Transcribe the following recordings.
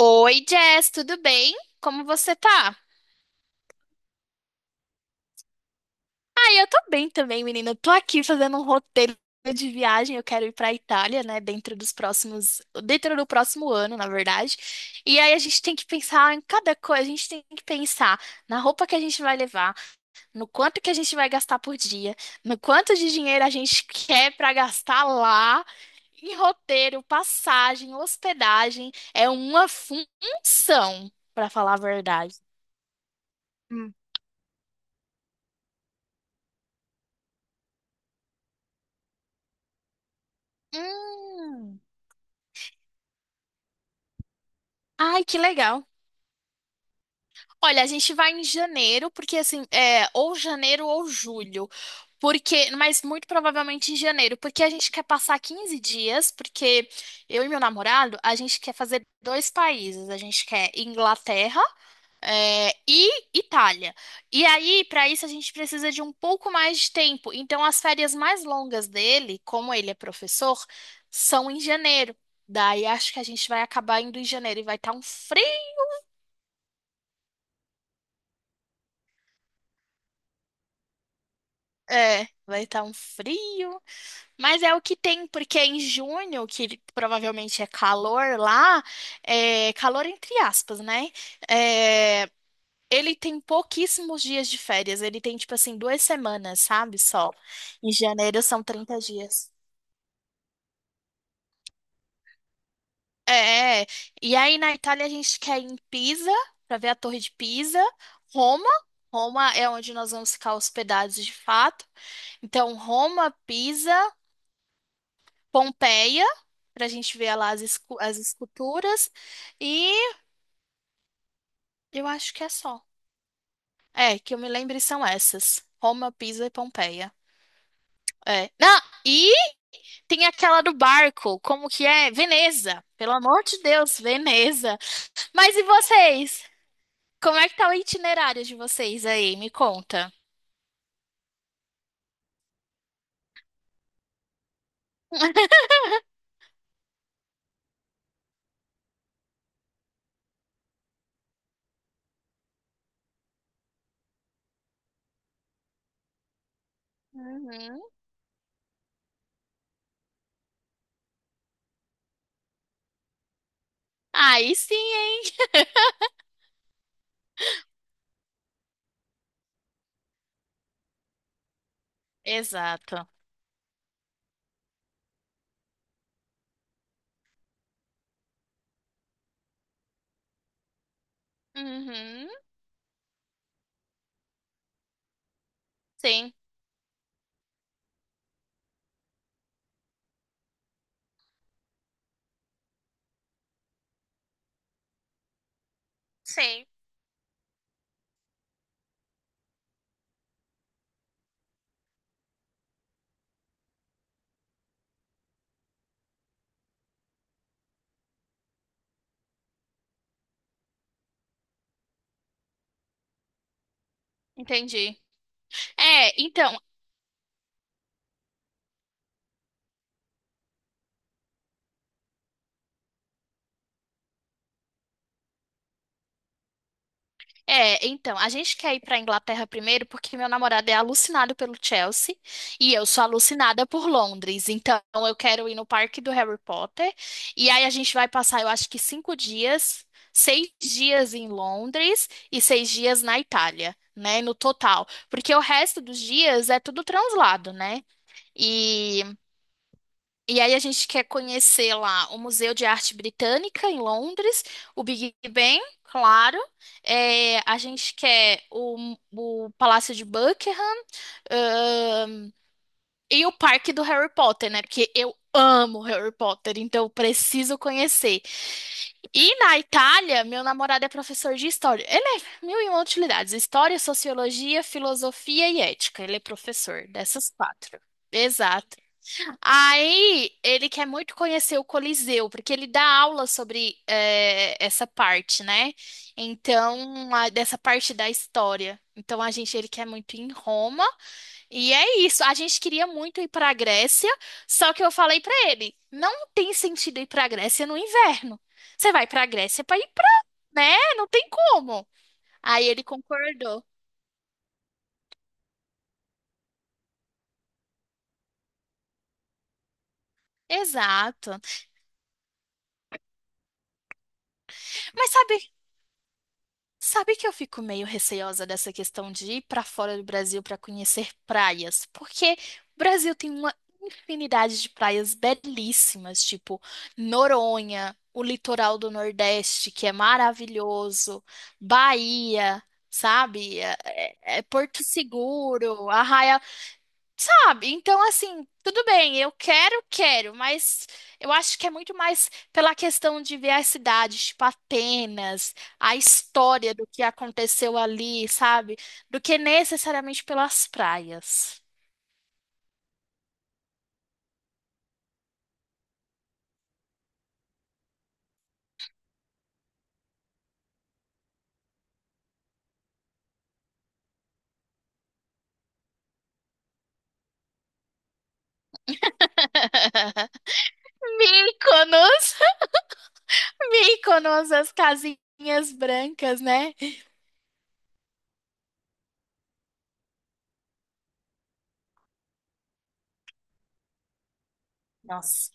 Oi, Jess, tudo bem? Como você tá? Ah, eu tô bem também, menina. Eu tô aqui fazendo um roteiro de viagem. Eu quero ir pra Itália, né? Dentro do próximo ano, na verdade. E aí a gente tem que pensar em cada coisa. A gente tem que pensar na roupa que a gente vai levar, no quanto que a gente vai gastar por dia, no quanto de dinheiro a gente quer pra gastar lá. Em roteiro, passagem, hospedagem, é uma função, pra falar a verdade. Hum. Ai, que legal. Olha, a gente vai em janeiro, porque assim, é, ou janeiro ou julho. Porque, mas muito provavelmente em janeiro, porque a gente quer passar 15 dias, porque eu e meu namorado, a gente quer fazer dois países, a gente quer Inglaterra, é, e Itália. E aí, para isso, a gente precisa de um pouco mais de tempo. Então, as férias mais longas dele, como ele é professor, são em janeiro. Daí acho que a gente vai acabar indo em janeiro e vai estar um frio. É, vai estar um frio, mas é o que tem, porque é em junho, que provavelmente é calor lá, é calor entre aspas, né? É, ele tem pouquíssimos dias de férias, ele tem tipo assim 2 semanas, sabe? Só. Em janeiro são 30 dias. É, e aí na Itália a gente quer ir em Pisa, para ver a Torre de Pisa, Roma. Roma é onde nós vamos ficar hospedados de fato. Então, Roma, Pisa. Pompeia, pra gente ver lá as, as esculturas. E eu acho que é só. É, que eu me lembre são essas: Roma, Pisa e Pompeia. É. Não, e tem aquela do barco, como que é? Veneza. Pelo amor de Deus, Veneza. Mas e vocês? Como é que tá o itinerário de vocês aí? Me conta. Uhum. Aí sim, hein? Exato. Uhum. Sim, sim. Entendi. É, então. É, então, a gente quer ir pra Inglaterra primeiro porque meu namorado é alucinado pelo Chelsea e eu sou alucinada por Londres. Então, eu quero ir no parque do Harry Potter e aí a gente vai passar, eu acho que 5 dias, 6 dias em Londres e 6 dias na Itália, né, no total. Porque o resto dos dias é tudo translado, né? E e aí a gente quer conhecer lá o Museu de Arte Britânica em Londres, o Big Ben, claro. É, a gente quer o Palácio de Buckingham, ahn, e o Parque do Harry Potter, né? Porque eu amo Harry Potter, então eu preciso conhecer. E na Itália, meu namorado é professor de história. Ele é mil e uma utilidades: história, sociologia, filosofia e ética. Ele é professor dessas quatro. Exato. Aí ele quer muito conhecer o Coliseu, porque ele dá aula sobre essa parte, né? Então, dessa parte da história. Então, a gente, ele quer muito ir em Roma, e é isso. A gente queria muito ir para a Grécia, só que eu falei para ele: não tem sentido ir para a Grécia no inverno. Você vai para a Grécia para ir pra, né? Não tem como. Aí ele concordou. Exato. Mas sabe Sabe que eu fico meio receosa dessa questão de ir para fora do Brasil para conhecer praias, porque o Brasil tem uma infinidade de praias belíssimas, tipo Noronha, o litoral do Nordeste, que é maravilhoso, Bahia, sabe? É é Porto Seguro, sabe? Então, assim, tudo bem, eu quero, quero, mas eu, acho que é muito mais pela questão de ver a cidade, tipo Atenas, a história do que aconteceu ali, sabe? Do que necessariamente pelas praias. Míconos, Míconos, as casinhas brancas, né? Nossa.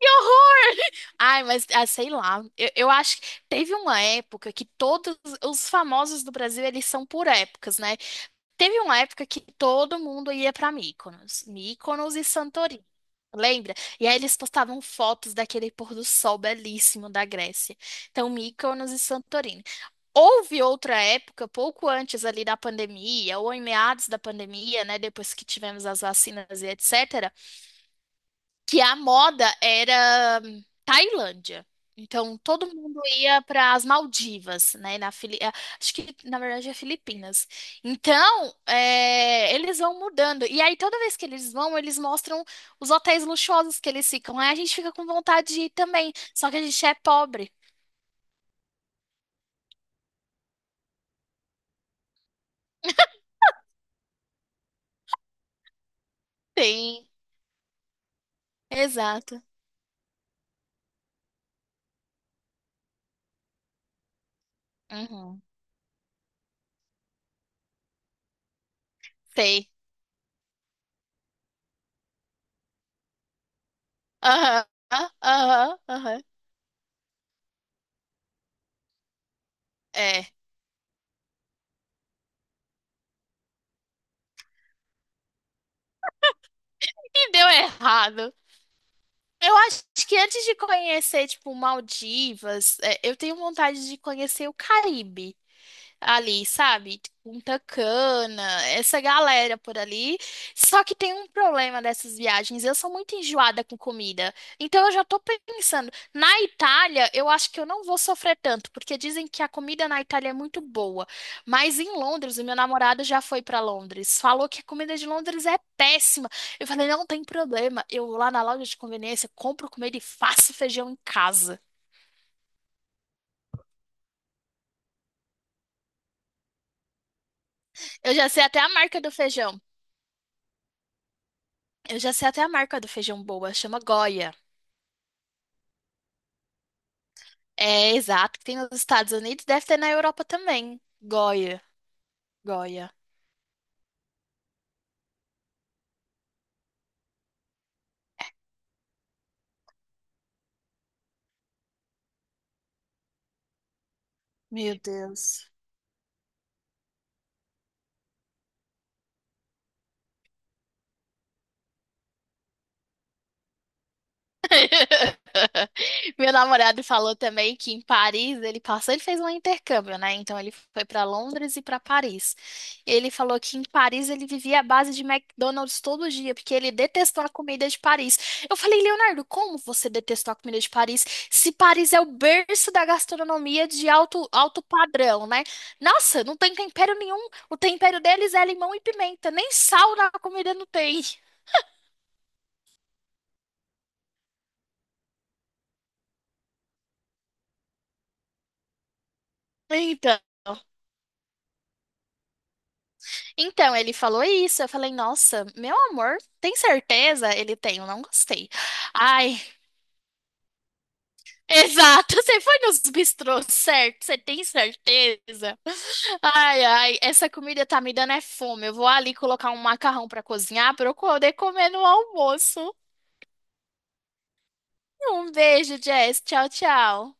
Que horror! Ai, mas ah, sei lá, eu acho que teve uma época que todos os famosos do Brasil, eles são por épocas, né? Teve uma época que todo mundo ia para Mykonos, Mykonos e Santorini. Lembra? E aí eles postavam fotos daquele pôr do sol belíssimo da Grécia. Então, Mykonos e Santorini. Houve outra época, pouco antes ali da pandemia, ou em meados da pandemia, né, depois que tivemos as vacinas e etc, que a moda era Tailândia. Então todo mundo ia para as Maldivas, né? Acho que na verdade é Filipinas. Então é, eles vão mudando. E aí toda vez que eles vão, eles mostram os hotéis luxuosos que eles ficam. Aí a gente fica com vontade de ir também. Só que a gente é pobre. Sim, exato. Uhum. Sei. Aham, aham, aham. É. E deu errado. Eu acho que antes de conhecer, tipo, Maldivas, é, eu tenho vontade de conhecer o Caribe ali, sabe? Punta Cana, essa galera por ali. Só que tem um problema dessas viagens, eu sou muito enjoada com comida. Então eu já tô pensando, na Itália, eu acho que eu não vou sofrer tanto, porque dizem que a comida na Itália é muito boa. Mas em Londres, o meu namorado já foi pra Londres, falou que a comida de Londres é péssima. Eu falei, não tem problema, eu vou lá na loja de conveniência, compro comida e faço feijão em casa. Eu já sei até a marca do feijão. Eu já sei até a marca do feijão boa, chama Goya. É, exato, que tem nos Estados Unidos, deve ter na Europa também. Goya, Goya. Meu Deus. Meu namorado falou também que em Paris ele passou, ele fez um intercâmbio, né? Então ele foi para Londres e para Paris. Ele falou que em Paris ele vivia à base de McDonald's todo dia, porque ele detestou a comida de Paris. Eu falei, Leonardo, como você detestou a comida de Paris? Se Paris é o berço da gastronomia de alto, alto padrão, né? Nossa, não tem tempero nenhum. O tempero deles é limão e pimenta, nem sal na comida não tem. Então. Então, ele falou isso. Eu falei, nossa, meu amor, tem certeza? Ele tem, eu não gostei. Ai, exato, você foi nos bistrôs, certo? Você tem certeza? Ai, ai, essa comida tá me dando é fome. Eu vou ali colocar um macarrão pra cozinhar pra eu poder comer no almoço. Um beijo, Jess. Tchau, tchau.